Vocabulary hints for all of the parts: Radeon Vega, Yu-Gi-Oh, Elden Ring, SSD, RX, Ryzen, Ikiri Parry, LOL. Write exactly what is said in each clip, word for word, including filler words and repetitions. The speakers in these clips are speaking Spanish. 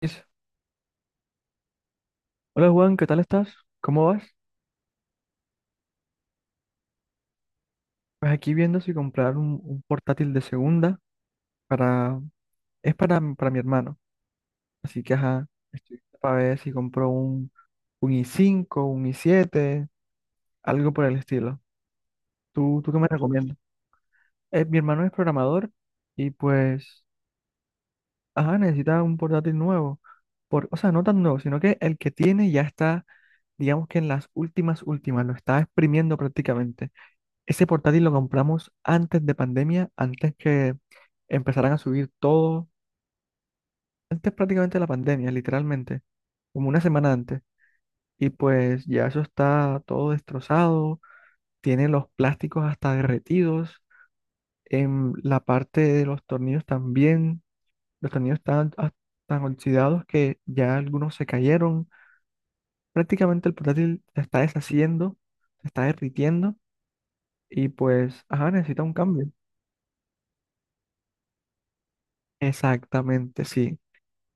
Dice, hola Juan, ¿qué tal estás? ¿Cómo vas? Pues aquí viendo si comprar un, un portátil de segunda para... Es para, mi- para mi hermano. Así que, ajá, estoy para ver si compro un, un i cinco, un i siete, algo por el estilo. ¿Tú, tú qué me recomiendas? Eh, mi hermano es programador y pues, ajá, necesita un portátil nuevo. Por, o sea, no tan nuevo, sino que el que tiene ya está, digamos que en las últimas últimas, lo está exprimiendo prácticamente. Ese portátil lo compramos antes de pandemia, antes que empezaran a subir todo, antes prácticamente de la pandemia, literalmente, como una semana antes. Y pues ya eso está todo destrozado, tiene los plásticos hasta derretidos, en la parte de los tornillos también, los tornillos están a- tan oxidados que ya algunos se cayeron. Prácticamente el portátil se está deshaciendo, se está derritiendo y pues, ajá, necesita un cambio. Exactamente, sí.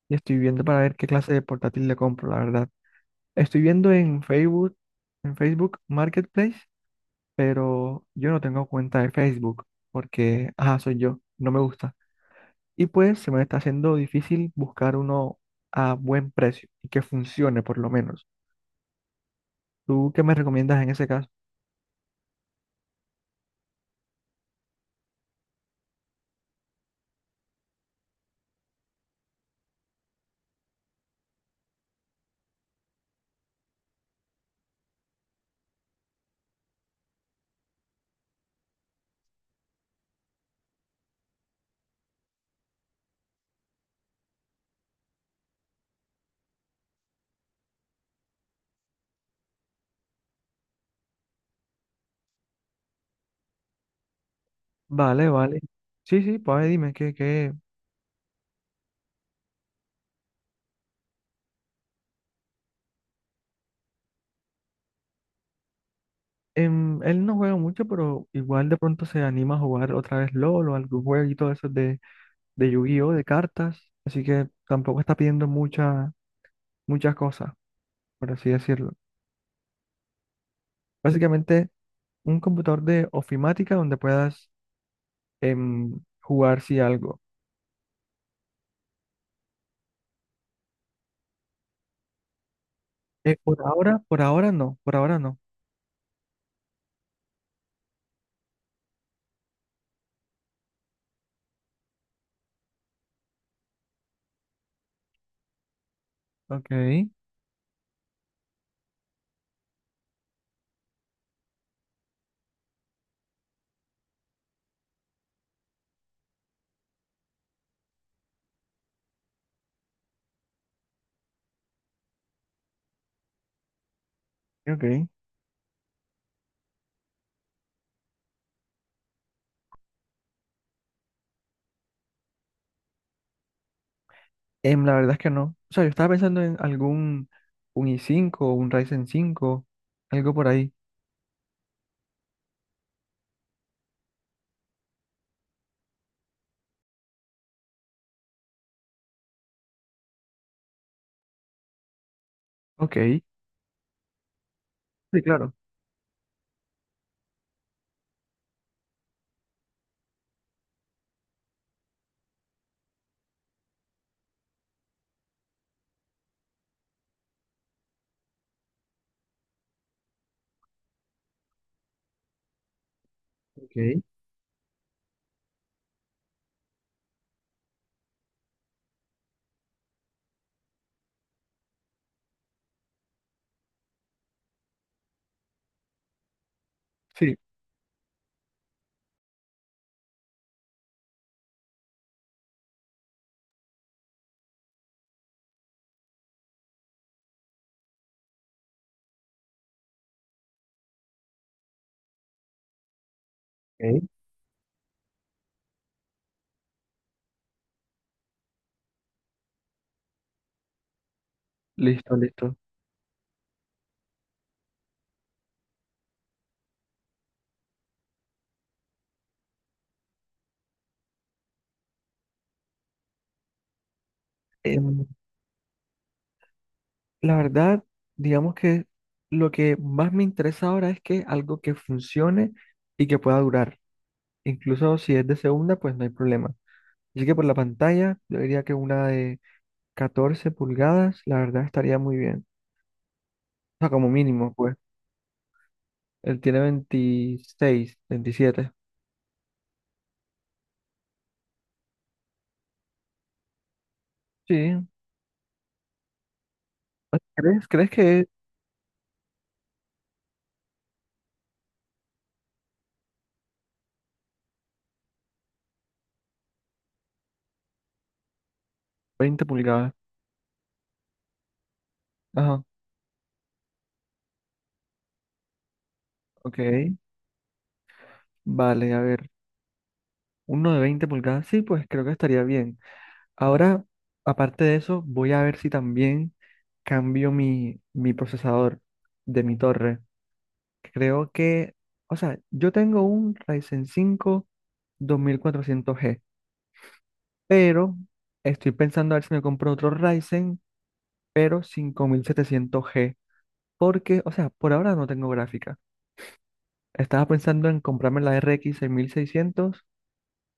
Y estoy viendo para ver qué clase de portátil le compro, la verdad. Estoy viendo en Facebook, en Facebook Marketplace, pero yo no tengo cuenta de Facebook porque, ajá, soy yo, no me gusta. Y pues se me está haciendo difícil buscar uno a buen precio y que funcione por lo menos. ¿Tú qué me recomiendas en ese caso? Vale, vale. Sí, sí, pues dime que, que em, él no juega mucho, pero igual de pronto se anima a jugar otra vez LOL o algún jueguito de esos de de Yu-Gi-Oh, de cartas, así que tampoco está pidiendo mucha, muchas cosas, por así decirlo. Básicamente, un computador de ofimática donde puedas, em, jugar si algo. Eh, por ahora, por ahora no, por ahora no. Ok, ok. Em, la verdad es que no. O sea, yo estaba pensando en algún un i cinco, un Ryzen cinco algo por ahí. Ok, sí, claro. Ok, sí, ok. Listo, listo. Em, la verdad, digamos que lo que más me interesa ahora es que algo que funcione y que pueda durar. Incluso si es de segunda, pues no hay problema. Así que por la pantalla, yo diría que una de catorce pulgadas, la verdad estaría muy bien. O sea, como mínimo, pues. Él tiene veintiséis, veintisiete. Sí. ¿Ah, ¿Crees, crees que es veinte pulgadas? Ajá, ok. Vale, a ver. Uno de veinte pulgadas, sí, pues creo que estaría bien. Ahora, aparte de eso, voy a ver si también cambio mi, mi procesador de mi torre. Creo que, o sea, yo tengo un Ryzen cinco dos mil cuatrocientos g, pero estoy pensando a ver si me compro otro Ryzen, pero cinco mil setecientos g porque, o sea, por ahora no tengo gráfica. Estaba pensando en comprarme la RX X seis mil seiscientos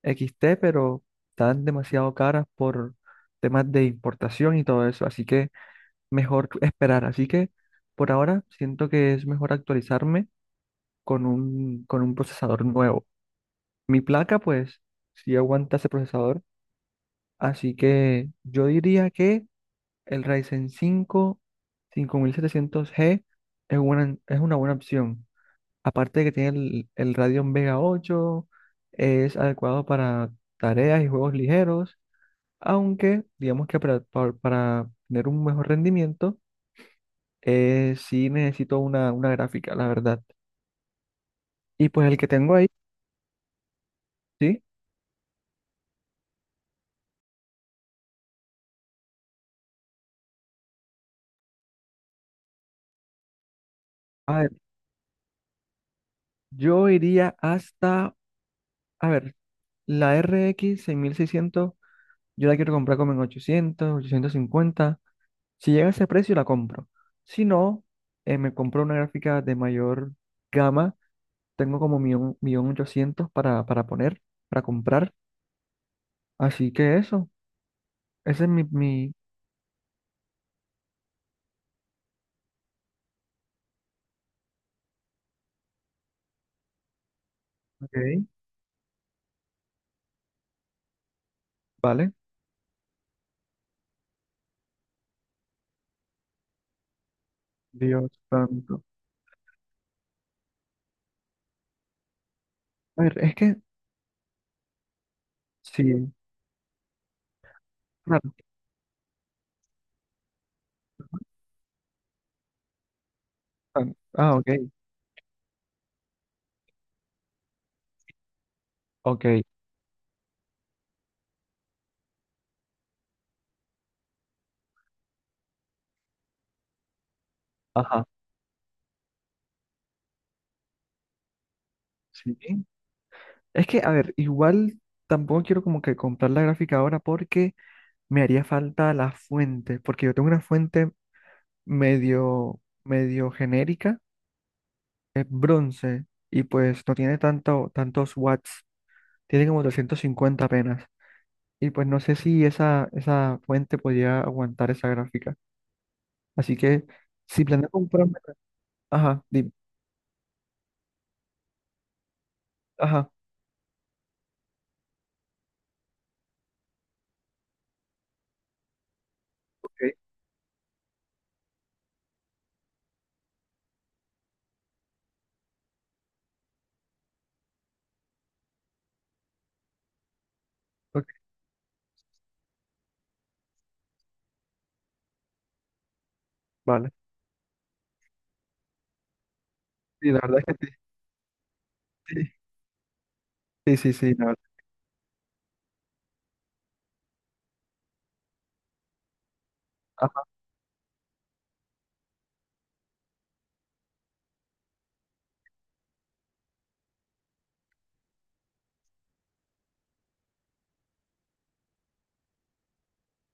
X T, pero están demasiado caras por temas de importación y todo eso, así que mejor esperar. Así que por ahora siento que es mejor actualizarme con un, con un procesador nuevo. Mi placa, pues, sí aguanta ese procesador. Así que yo diría que el Ryzen cinco cinco mil setecientos g es una, es una buena opción. Aparte de que tiene el, el Radeon Vega ocho, es adecuado para tareas y juegos ligeros, aunque digamos que para, para para tener un mejor rendimiento, eh, sí necesito una, una gráfica, la verdad. Y pues el que tengo ahí, sí. A ver, yo iría hasta, a ver, la R X seiscientos yo la quiero comprar como en ochocientos, ochocientos cincuenta. Si llega a ese precio, la compro. Si no, eh, me compro una gráfica de mayor gama. Tengo como un millón ochocientos para, para poner, para comprar. Así que eso, ese es mi, mi... Ok. ¿Vale? Dios santo. A ver, es que sí. Claro. Ah, ah, ok, ok, ajá, sí. Es que, a ver, igual tampoco quiero como que comprar la gráfica ahora porque me haría falta la fuente, porque yo tengo una fuente medio, medio genérica, es bronce, y pues no tiene tanto, tantos watts, tiene como doscientos cincuenta apenas, y pues no sé si esa, esa fuente podría aguantar esa gráfica. Así que, si planeo comprarme, ajá, dime, ajá, ok, ok, vale. Sí, la verdad es que sí, sí, sí, sí, sí, la verdad.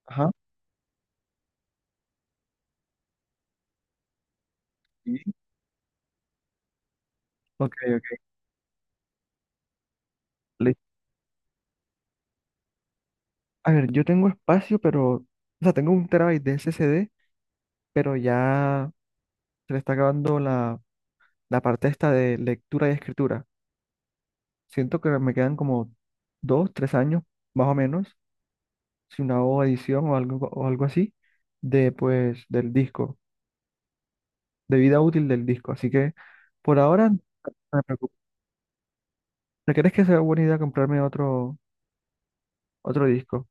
Ajá. Sí. Ok, ok. Listo. A ver, yo tengo espacio, pero, o sea, tengo un terabyte de S S D, pero ya se le está acabando la, la parte esta de lectura y escritura. Siento que me quedan como dos, tres años, más o menos, si una o edición o algo, o algo así, de, pues, del disco, de vida útil del disco. Así que, por ahora, no me preocupo. ¿Te crees que sea buena idea comprarme otro, otro disco?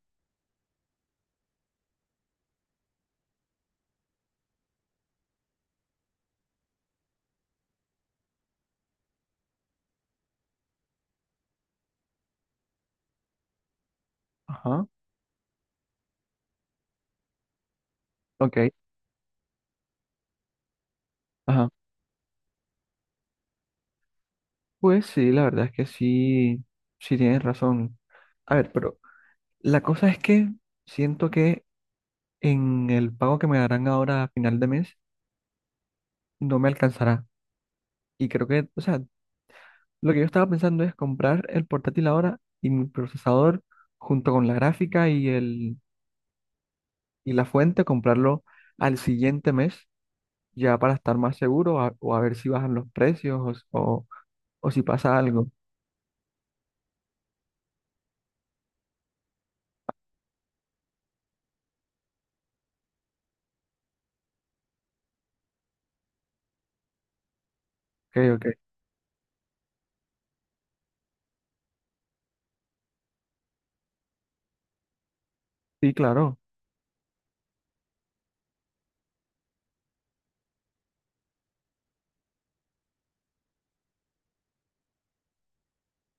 Ajá. Ok. Ajá. Pues sí, la verdad es que sí, sí tienes razón. A ver, pero la cosa es que siento que en el pago que me darán ahora a final de mes no me alcanzará. Y creo que, o sea, lo que yo estaba pensando es comprar el portátil ahora y mi procesador junto con la gráfica y el y la fuente, comprarlo al siguiente mes ya para estar más seguro, a- o a ver si bajan los precios o, o, o si pasa algo. Ok, ok. Sí, claro.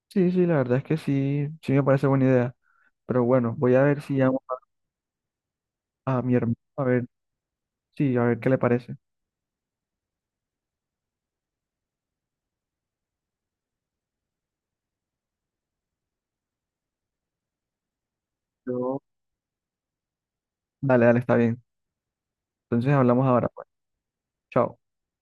Sí, sí, la verdad es que sí, sí me parece buena idea. Pero bueno, voy a ver si llamo a mi hermano, a ver, sí, a ver qué le parece. Yo, dale, dale, está bien. Entonces hablamos ahora, pues. Chao.